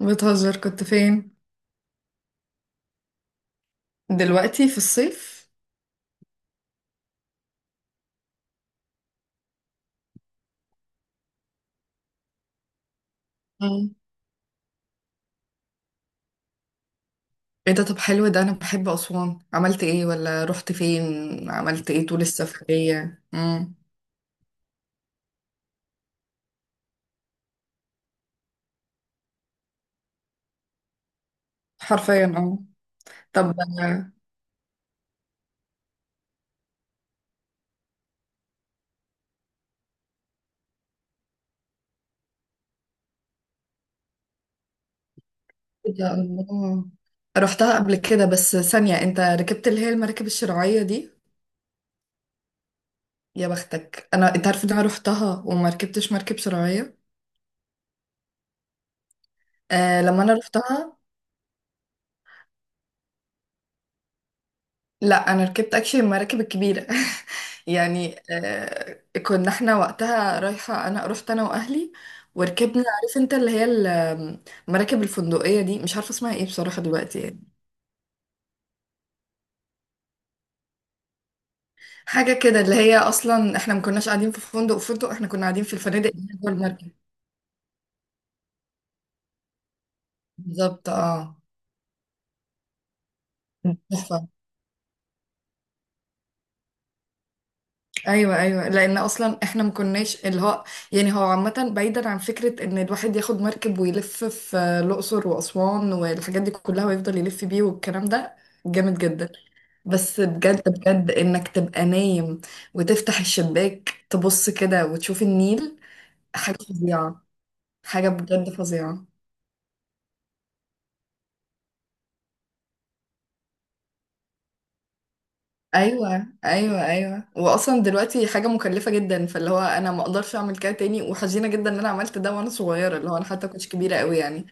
بتهزر؟ كنت فين؟ دلوقتي في الصيف؟ مم. ايه ده؟ طب حلو ده، انا بحب اسوان. عملت ايه ولا رحت فين؟ عملت ايه طول السفرية؟ مم. حرفيا اه. طب آه، إيه ده، الله. رحتها قبل كده، بس ثانية، انت ركبت اللي هي المراكب الشراعية دي؟ يا بختك انا، انت عارف ان انا رحتها وما ركبتش مركب شراعية؟ آه لما انا رحتها، لا انا ركبت اكشلي المراكب الكبيره. يعني كنا احنا وقتها رايحه، انا رحت انا واهلي وركبنا. عارف انت اللي هي المراكب الفندقيه دي؟ مش عارفه اسمها ايه بصراحه دلوقتي، يعني حاجه كده، اللي هي اصلا احنا ما كناش قاعدين في فندق، احنا كنا قاعدين في الفنادق اللي هي جوه المركب. بالظبط اه. تحفة. ايوه ايوه، لان اصلا احنا ما كناش اللي هو، يعني هو عامه بعيدا عن فكره ان الواحد ياخد مركب ويلف في الاقصر واسوان والحاجات دي كلها، ويفضل يلف بيه والكلام ده، جامد جدا. بس بجد بجد، انك تبقى نايم وتفتح الشباك تبص كده وتشوف النيل، حاجه فظيعه، حاجه بجد فظيعه. ايوه ايوه ايوه، واصلا دلوقتي حاجه مكلفه جدا، فاللي هو انا ما اقدرش اعمل كده تاني، وحزينه جدا ان انا عملت ده وانا صغيره، اللي هو انا حتى كنتش كبيره قوي يعني.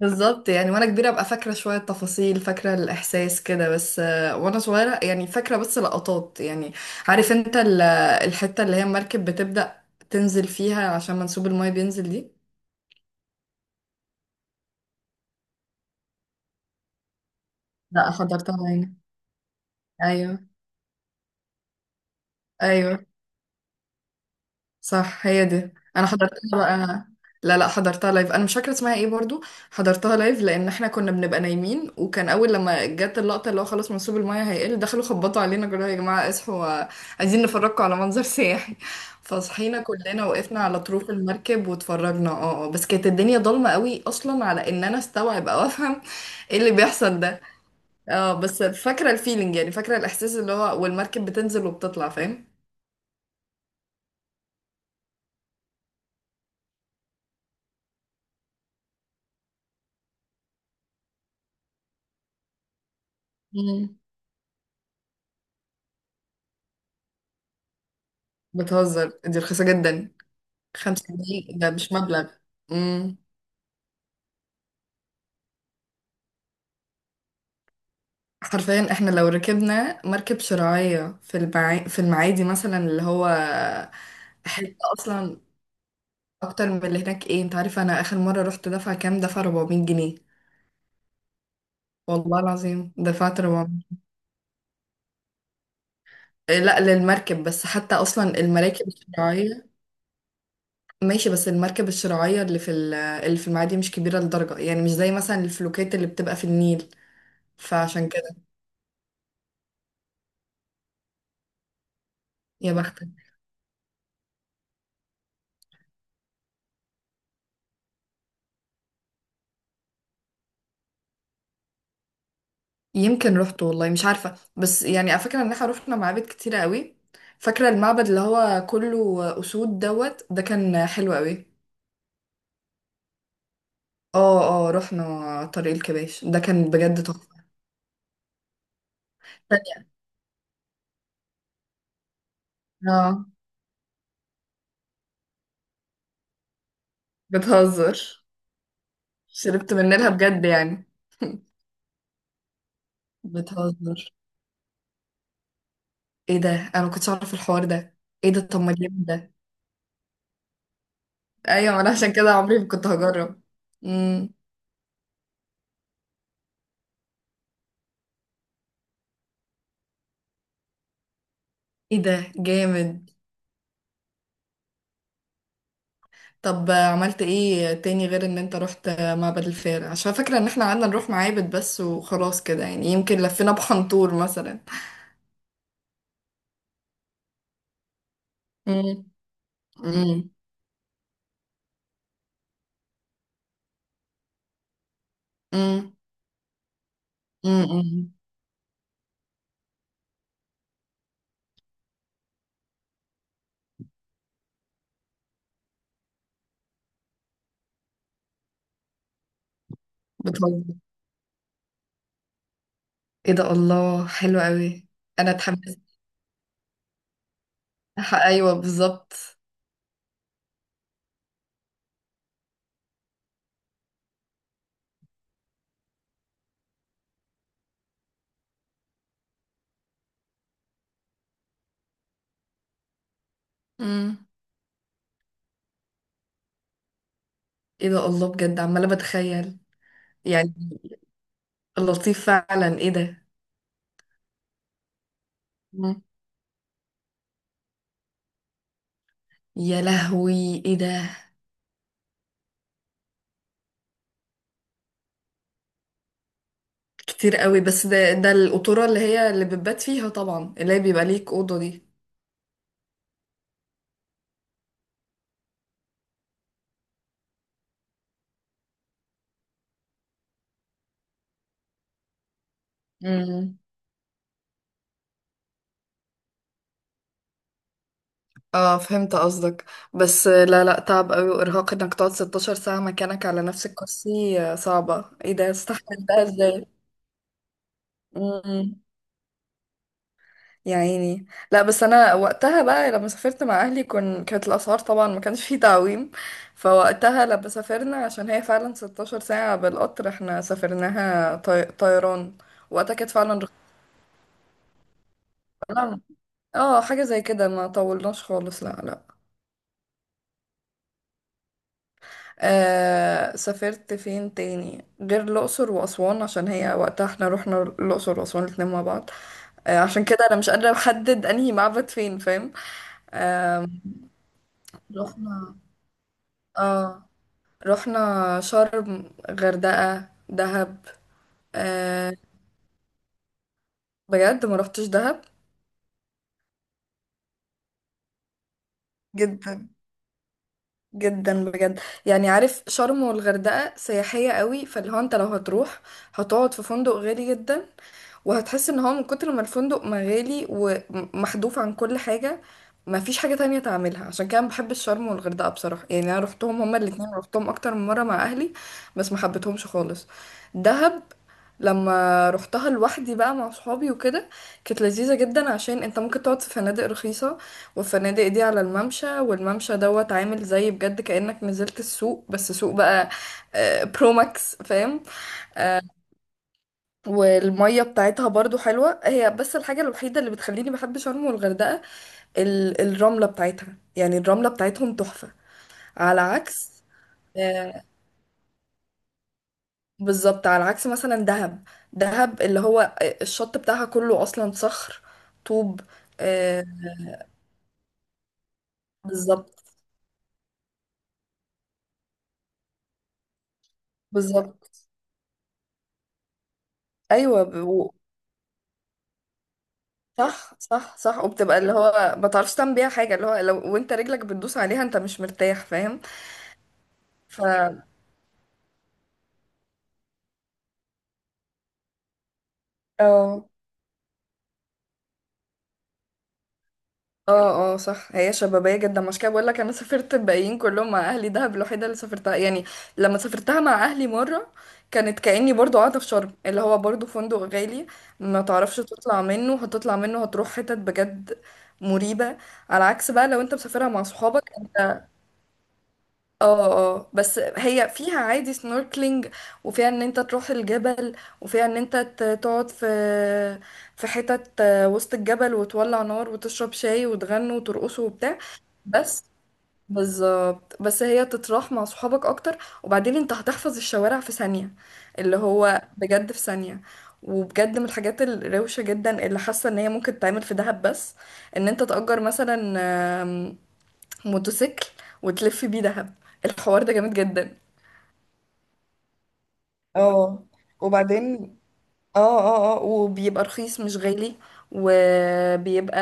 بالظبط، يعني وانا كبيره ابقى فاكره شويه تفاصيل، فاكره الاحساس كده بس، وانا صغيره يعني فاكره بس لقطات يعني. عارف انت الحته اللي هي المركب بتبدا تنزل فيها عشان منسوب المايه بينزل دي؟ لا حضرتها هنا. ايوه ايوه صح، هي دي. انا حضرتها بقى، لا لا حضرتها لايف، انا مش فاكره اسمها ايه برضو. حضرتها لايف، لان احنا كنا بنبقى نايمين، وكان اول لما جت اللقطه اللي هو خلاص منسوب المايه هيقل، دخلوا خبطوا علينا قالوا يا جماعه اصحوا، عايزين نفرجكم على منظر سياحي. فصحينا كلنا وقفنا على طروف المركب واتفرجنا، اه آه. بس كانت الدنيا ضلمه قوي اصلا على ان انا استوعب او افهم ايه اللي بيحصل ده. اه بس فاكره الفيلينج، يعني فاكره الاحساس اللي هو والمركب بتنزل وبتطلع، فاهم؟ مم. بتهزر، دي رخيصه جدا. خمسة جنيه ده مش مبلغ. امم. حرفيا احنا لو ركبنا مركب شراعية في في المعادي مثلا، اللي هو حتة أصلا. أكتر من اللي هناك؟ ايه، انت عارف أنا آخر مرة رحت دفع كام؟ دفع 400 جنيه. والله العظيم دفعت 400. إيه، لا للمركب، بس حتى أصلا المراكب الشراعية، ماشي، بس المركب الشراعية اللي في اللي في المعادي مش كبيرة لدرجة، يعني مش زي مثلا الفلوكات اللي بتبقى في النيل، فعشان كده. يا بختك. يمكن رحت والله مش عارفة، بس يعني فاكرة ان احنا رحنا معابد كتيرة قوي. فاكرة المعبد اللي هو كله أسود دوت ده، كان حلو قوي. اه اه، رحنا طريق الكباش، ده كان بجد تحفة. تانية. اه. بتهزر، شربت من نيلها بجد يعني؟ بتهزر. ايه ده، انا ما كنتش اعرف الحوار ده. ايه ده، طب ما جامد ده. ايوه ما انا عشان كده عمري ما كنت هجرب. امم. ايه ده جامد. طب عملت ايه تاني غير ان انت رحت معبد الفيل؟ عشان فاكرة ان احنا قعدنا نروح معابد بس، وخلاص كده يعني، يمكن لفينا بحنطور مثلا. امم. امم. امم. امم. بتهزر. ايه ده، الله، حلو قوي. انا اتحمست. ايوه بالظبط. امم. ايه ده الله، بجد عمالة بتخيل، يعني لطيف فعلا، ايه ده. مم. يا لهوي ايه ده. كتير قوي، بس ده القطورة اللي هي اللي بتبات فيها طبعا، اللي هي بيبقى ليك أوضة دي. مم. اه فهمت قصدك. بس لا لا، تعب قوي وارهاق انك تقعد 16 ساعة مكانك على نفس الكرسي، صعبة، ايه ده، استحمل ده ازاي؟ امم. يا عيني. لا بس انا وقتها بقى لما سافرت مع اهلي، كانت الاسعار طبعا ما كانش فيه تعويم. فوقتها لما سافرنا، عشان هي فعلا 16 ساعة بالقطر، احنا سافرناها طيران، وقتها كانت فعلا رخيصة. لا، اه حاجة زي كده، ما طولناش خالص، لا لا. آه سافرت فين تاني غير الأقصر وأسوان؟ عشان هي وقتها احنا رحنا الأقصر وأسوان الاتنين مع بعض. آه عشان كده أنا مش قادرة أحدد أنهي معبد فين، فاهم؟ آه رحنا، اه، رحنا شرم، غردقة، دهب، آه. بجد ما رحتش دهب؟ جدا، جدا بجد يعني. عارف شرم والغردقة سياحية قوي، فاللي هو انت لو هتروح هتقعد في فندق غالي جدا، وهتحس ان هو من كتر ما الفندق مغالي ومحذوف عن كل حاجة، ما فيش حاجة تانية تعملها. عشان كده أنا بحب الشرم والغردقة بصراحة، يعني انا روحتهم هما الاتنين، روحتهم اكتر من مرة مع اهلي، بس ما حبيتهمش خالص. دهب لما روحتها لوحدي بقى مع صحابي وكده كانت لذيذة جدا، عشان انت ممكن تقعد في فنادق رخيصة، والفنادق دي على الممشى، والممشى دوت عامل زي بجد كأنك نزلت السوق، بس سوق بقى برو ماكس، فاهم؟ والمية بتاعتها برضو حلوة هي، بس الحاجة الوحيدة اللي بتخليني بحب شرم والغردقة، الرملة بتاعتها، يعني الرملة بتاعتهم تحفة. على عكس آه، بالظبط، على عكس مثلا دهب. دهب اللي هو الشط بتاعها كله أصلا صخر، طوب. آه، بالظبط، بالظبط. أيوة صح صح صح، وبتبقى اللي هو ما تعرفش تعمل بيها حاجة، اللي هو لو وانت رجلك بتدوس عليها انت مش مرتاح، فاهم؟ ف، اه اه اه، صح، هي شبابية جدا، مش كده بقول لك، انا سافرت الباقيين كلهم مع اهلي، دهب الوحيدة اللي سافرتها يعني. لما سافرتها مع اهلي مرة كانت كأني برضو قاعدة في شرم، اللي هو برضو فندق غالي، ما تعرفش تطلع منه، هتطلع منه هتروح حتت بجد مريبة. على عكس بقى لو انت مسافرها مع صحابك انت. اه. اه بس هي فيها عادي سنوركلينج، وفيها ان انت تروح الجبل، وفيها ان انت تقعد في، في حتت وسط الجبل، وتولع نار وتشرب شاي وتغنوا وترقصوا وبتاع. بس، بالظبط، بس هي تتراح مع صحابك اكتر، وبعدين انت هتحفظ الشوارع في ثانية، اللي هو بجد في ثانية. وبجد من الحاجات الروشة جدا اللي حاسة ان هي ممكن تتعمل في دهب بس، ان انت تأجر مثلا موتوسيكل، وتلف بيه دهب، الحوار ده جامد جدا. اه، وبعدين، اه اه اه، وبيبقى رخيص مش غالي، وبيبقى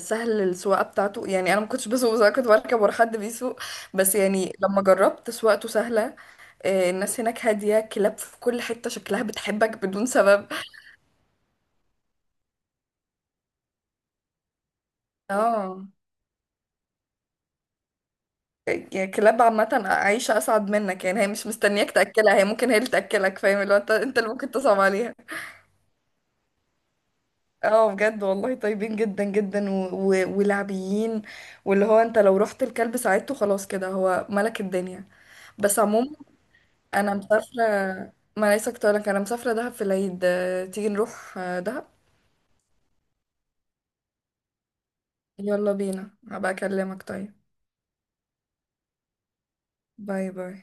سهل السواقة بتاعته، يعني انا ما كنتش بسوق، بس انا كنت بركب ورا حد بيسوق، بس يعني لما جربت سواقته سهلة. الناس هناك هادية، كلاب في كل حتة شكلها بتحبك بدون سبب. اه، يعني كلاب عامة عايشة أسعد منك، يعني هي مش مستنياك تأكلها، هي ممكن هي اللي تأكلك، فاهم؟ اللي هو انت انت اللي ممكن تصعب عليها. اه بجد والله طيبين جدا جدا ولعبيين، واللي هو انت لو رحت الكلب ساعدته، خلاص كده، هو ملك الدنيا. بس عموما، انا مسافرة، ما ليس كنت لك، انا مسافرة دهب في العيد، تيجي نروح دهب؟ يلا بينا، هبقى اكلمك طيب. باي باي.